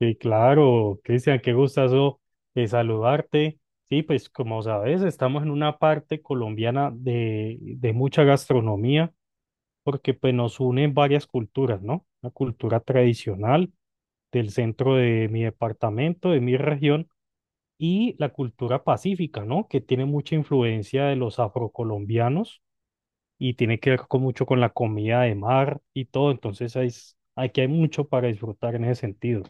Sí, claro, Cristian, qué gustazo saludarte. Sí, pues como sabes, estamos en una parte colombiana de mucha gastronomía, porque pues nos unen varias culturas, ¿no? La cultura tradicional del centro de mi departamento, de mi región, y la cultura pacífica, ¿no? Que tiene mucha influencia de los afrocolombianos y tiene que ver con mucho con la comida de mar y todo. Entonces, aquí hay mucho para disfrutar en ese sentido.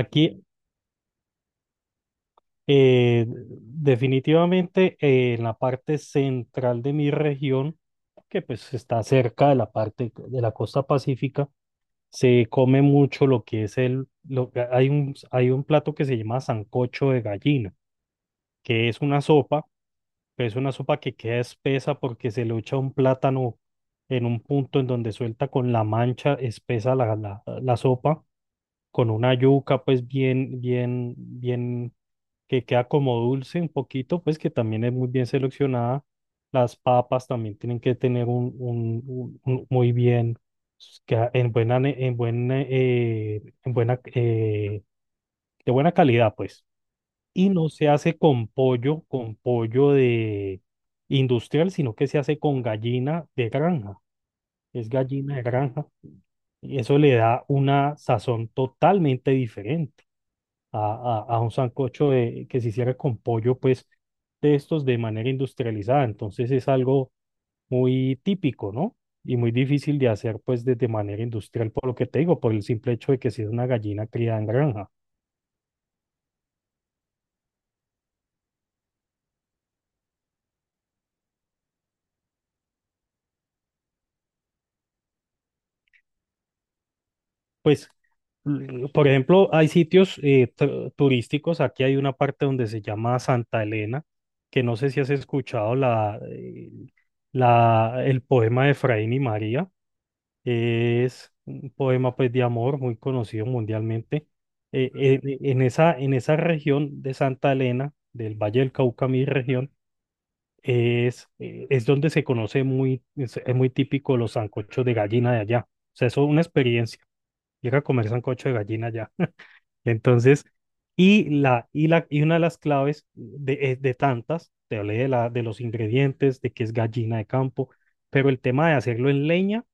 Aquí, definitivamente en la parte central de mi región, que pues está cerca de la parte de la costa pacífica, se come mucho lo que es el, lo, hay hay un plato que se llama sancocho de gallina, que es una sopa, pero es una sopa que queda espesa porque se le echa un plátano en un punto en donde suelta con la mancha espesa la sopa, con una yuca pues bien que queda como dulce un poquito, pues que también es muy bien seleccionada. Las papas también tienen que tener muy bien, que en buena, ne- en buena, de buena calidad, pues. Y no se hace con pollo de industrial, sino que se hace con gallina de granja. Es gallina de granja. Y eso le da una sazón totalmente diferente a, a un sancocho que se hiciera con pollo, pues de estos de manera industrializada. Entonces es algo muy típico, ¿no? Y muy difícil de hacer, pues, de manera industrial, por lo que te digo, por el simple hecho de que sea una gallina criada en granja. Pues, por ejemplo, hay sitios turísticos. Aquí hay una parte donde se llama Santa Elena, que no sé si has escuchado el poema de Efraín y María. Es un poema pues de amor muy conocido mundialmente. En esa región de Santa Elena, del Valle del Cauca, mi región, es donde se conoce es muy típico los sancochos de gallina de allá. O sea, eso es una experiencia, llega a comer sancocho de gallina allá. Entonces, y una de las claves de tantas, te hablé de los ingredientes, de que es gallina de campo, pero el tema de hacerlo en leña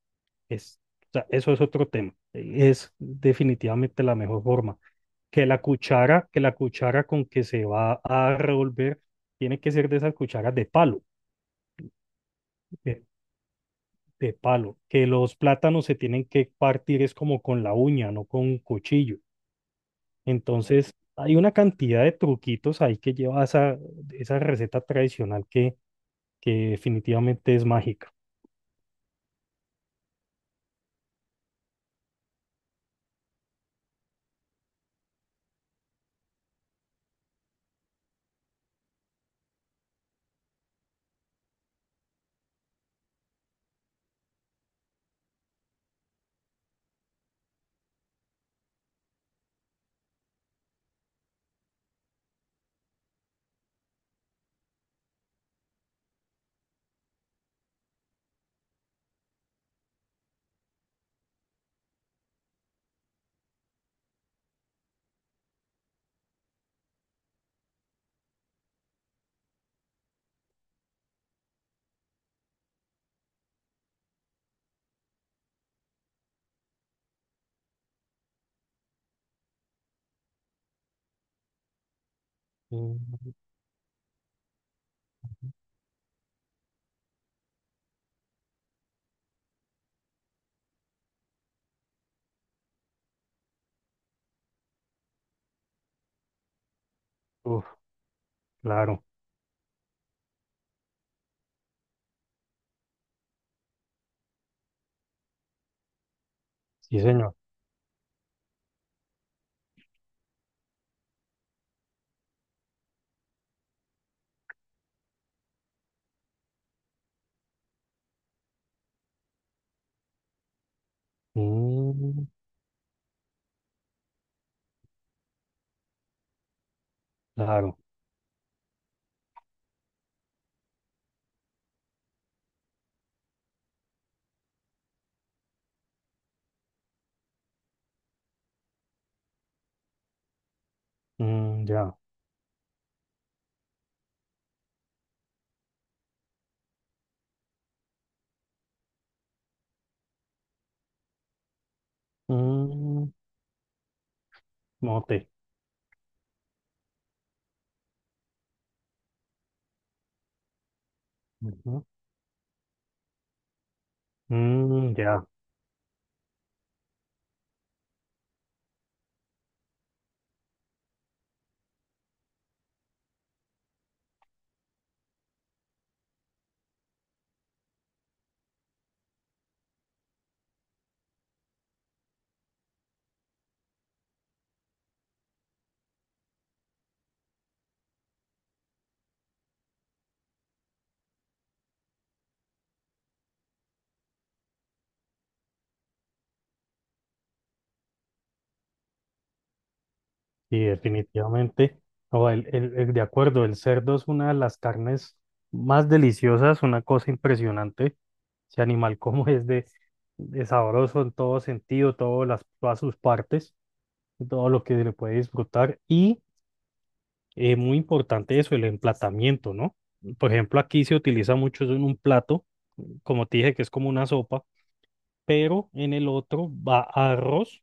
es, o sea, eso es otro tema. Es definitivamente la mejor forma. Que la cuchara con que se va a revolver tiene que ser de esas cucharas de palo, de, de palo. Que los plátanos se tienen que partir es como con la uña, no con un cuchillo. Entonces, hay una cantidad de truquitos ahí que lleva esa receta tradicional que definitivamente es mágica. Mm, uf, claro, sí, señor. Mm, claro. Mm, ya. Mm, mote. Ujú. Mm, ya, sí, definitivamente. No, de acuerdo, el cerdo es una de las carnes más deliciosas, una cosa impresionante. Ese animal como es de sabroso en todo sentido, todas sus partes, todo lo que se le puede disfrutar. Y muy importante eso, el emplatamiento, ¿no? Por ejemplo, aquí se utiliza mucho eso en un plato, como te dije, que es como una sopa, pero en el otro va arroz,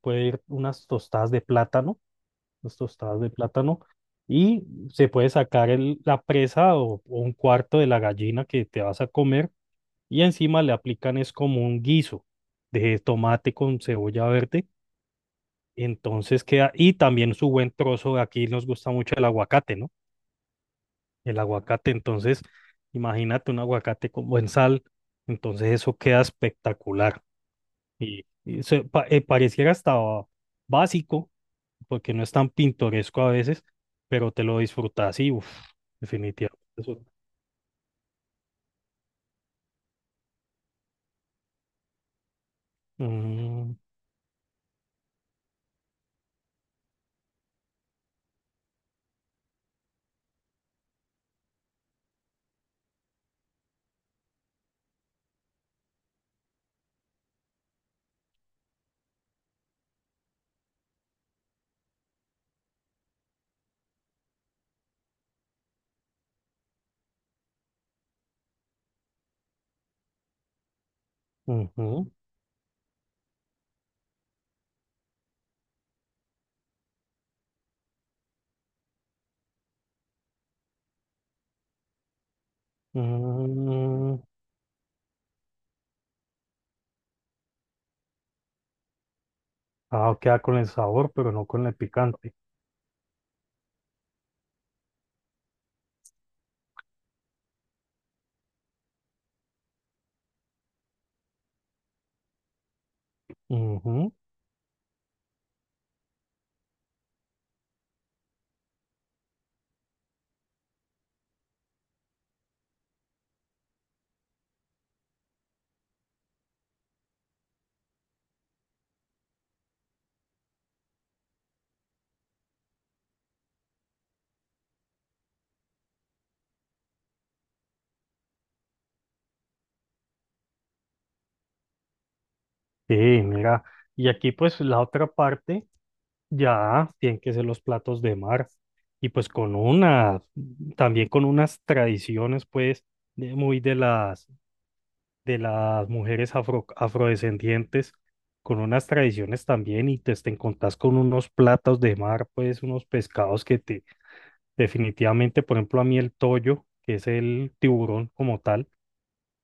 puede ir unas tostadas de plátano, unas tostadas de plátano, y se puede sacar la presa o un cuarto de la gallina que te vas a comer, y encima le aplican es como un guiso de tomate con cebolla verde, entonces queda, y también su buen trozo, aquí nos gusta mucho el aguacate, ¿no? El aguacate, entonces imagínate un aguacate con buen sal, entonces eso queda espectacular, y, pareciera hasta básico porque no es tan pintoresco a veces, pero te lo disfrutas y uff, definitivamente. Eso. Mm, ujú, mm. Ah, queda con el sabor, pero no con el picante. Ujú. Sí, mira. Y aquí pues la otra parte ya tienen que ser los platos de mar. Y pues con unas, también con unas tradiciones pues muy de las mujeres afrodescendientes, con unas tradiciones también, y te encontrás con unos platos de mar, pues unos pescados que te definitivamente, por ejemplo, a mí el toyo, que es el tiburón como tal,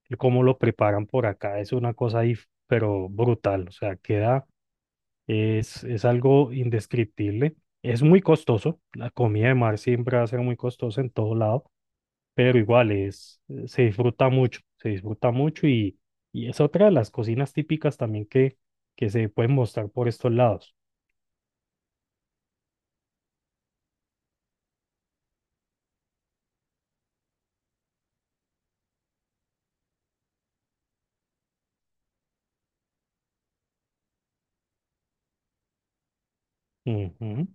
el cómo lo preparan por acá, es una cosa ahí, pero brutal, o sea, queda, es algo indescriptible. Es muy costoso, la comida de mar siempre va a ser muy costosa en todo lado, pero igual es, se disfruta mucho y es otra de las cocinas típicas también que se pueden mostrar por estos lados. Ujú.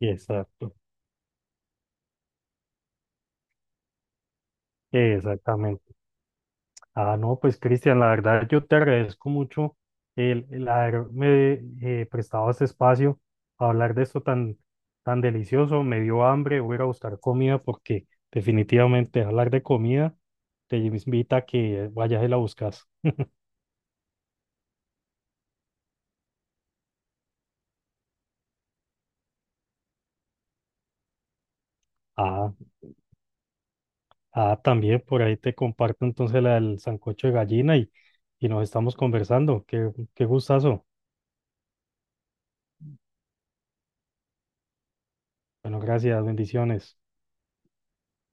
Exacto, exactamente. Ah, no, pues Cristian, la verdad yo te agradezco mucho el haberme prestado este espacio a hablar de esto tan, tan delicioso. Me dio hambre, voy a ir a buscar comida porque definitivamente hablar de comida te invita a que vayas y la buscas. Ah. Ah, también por ahí te comparto entonces la del sancocho de gallina y nos estamos conversando. Qué gustazo. Bueno, gracias, bendiciones.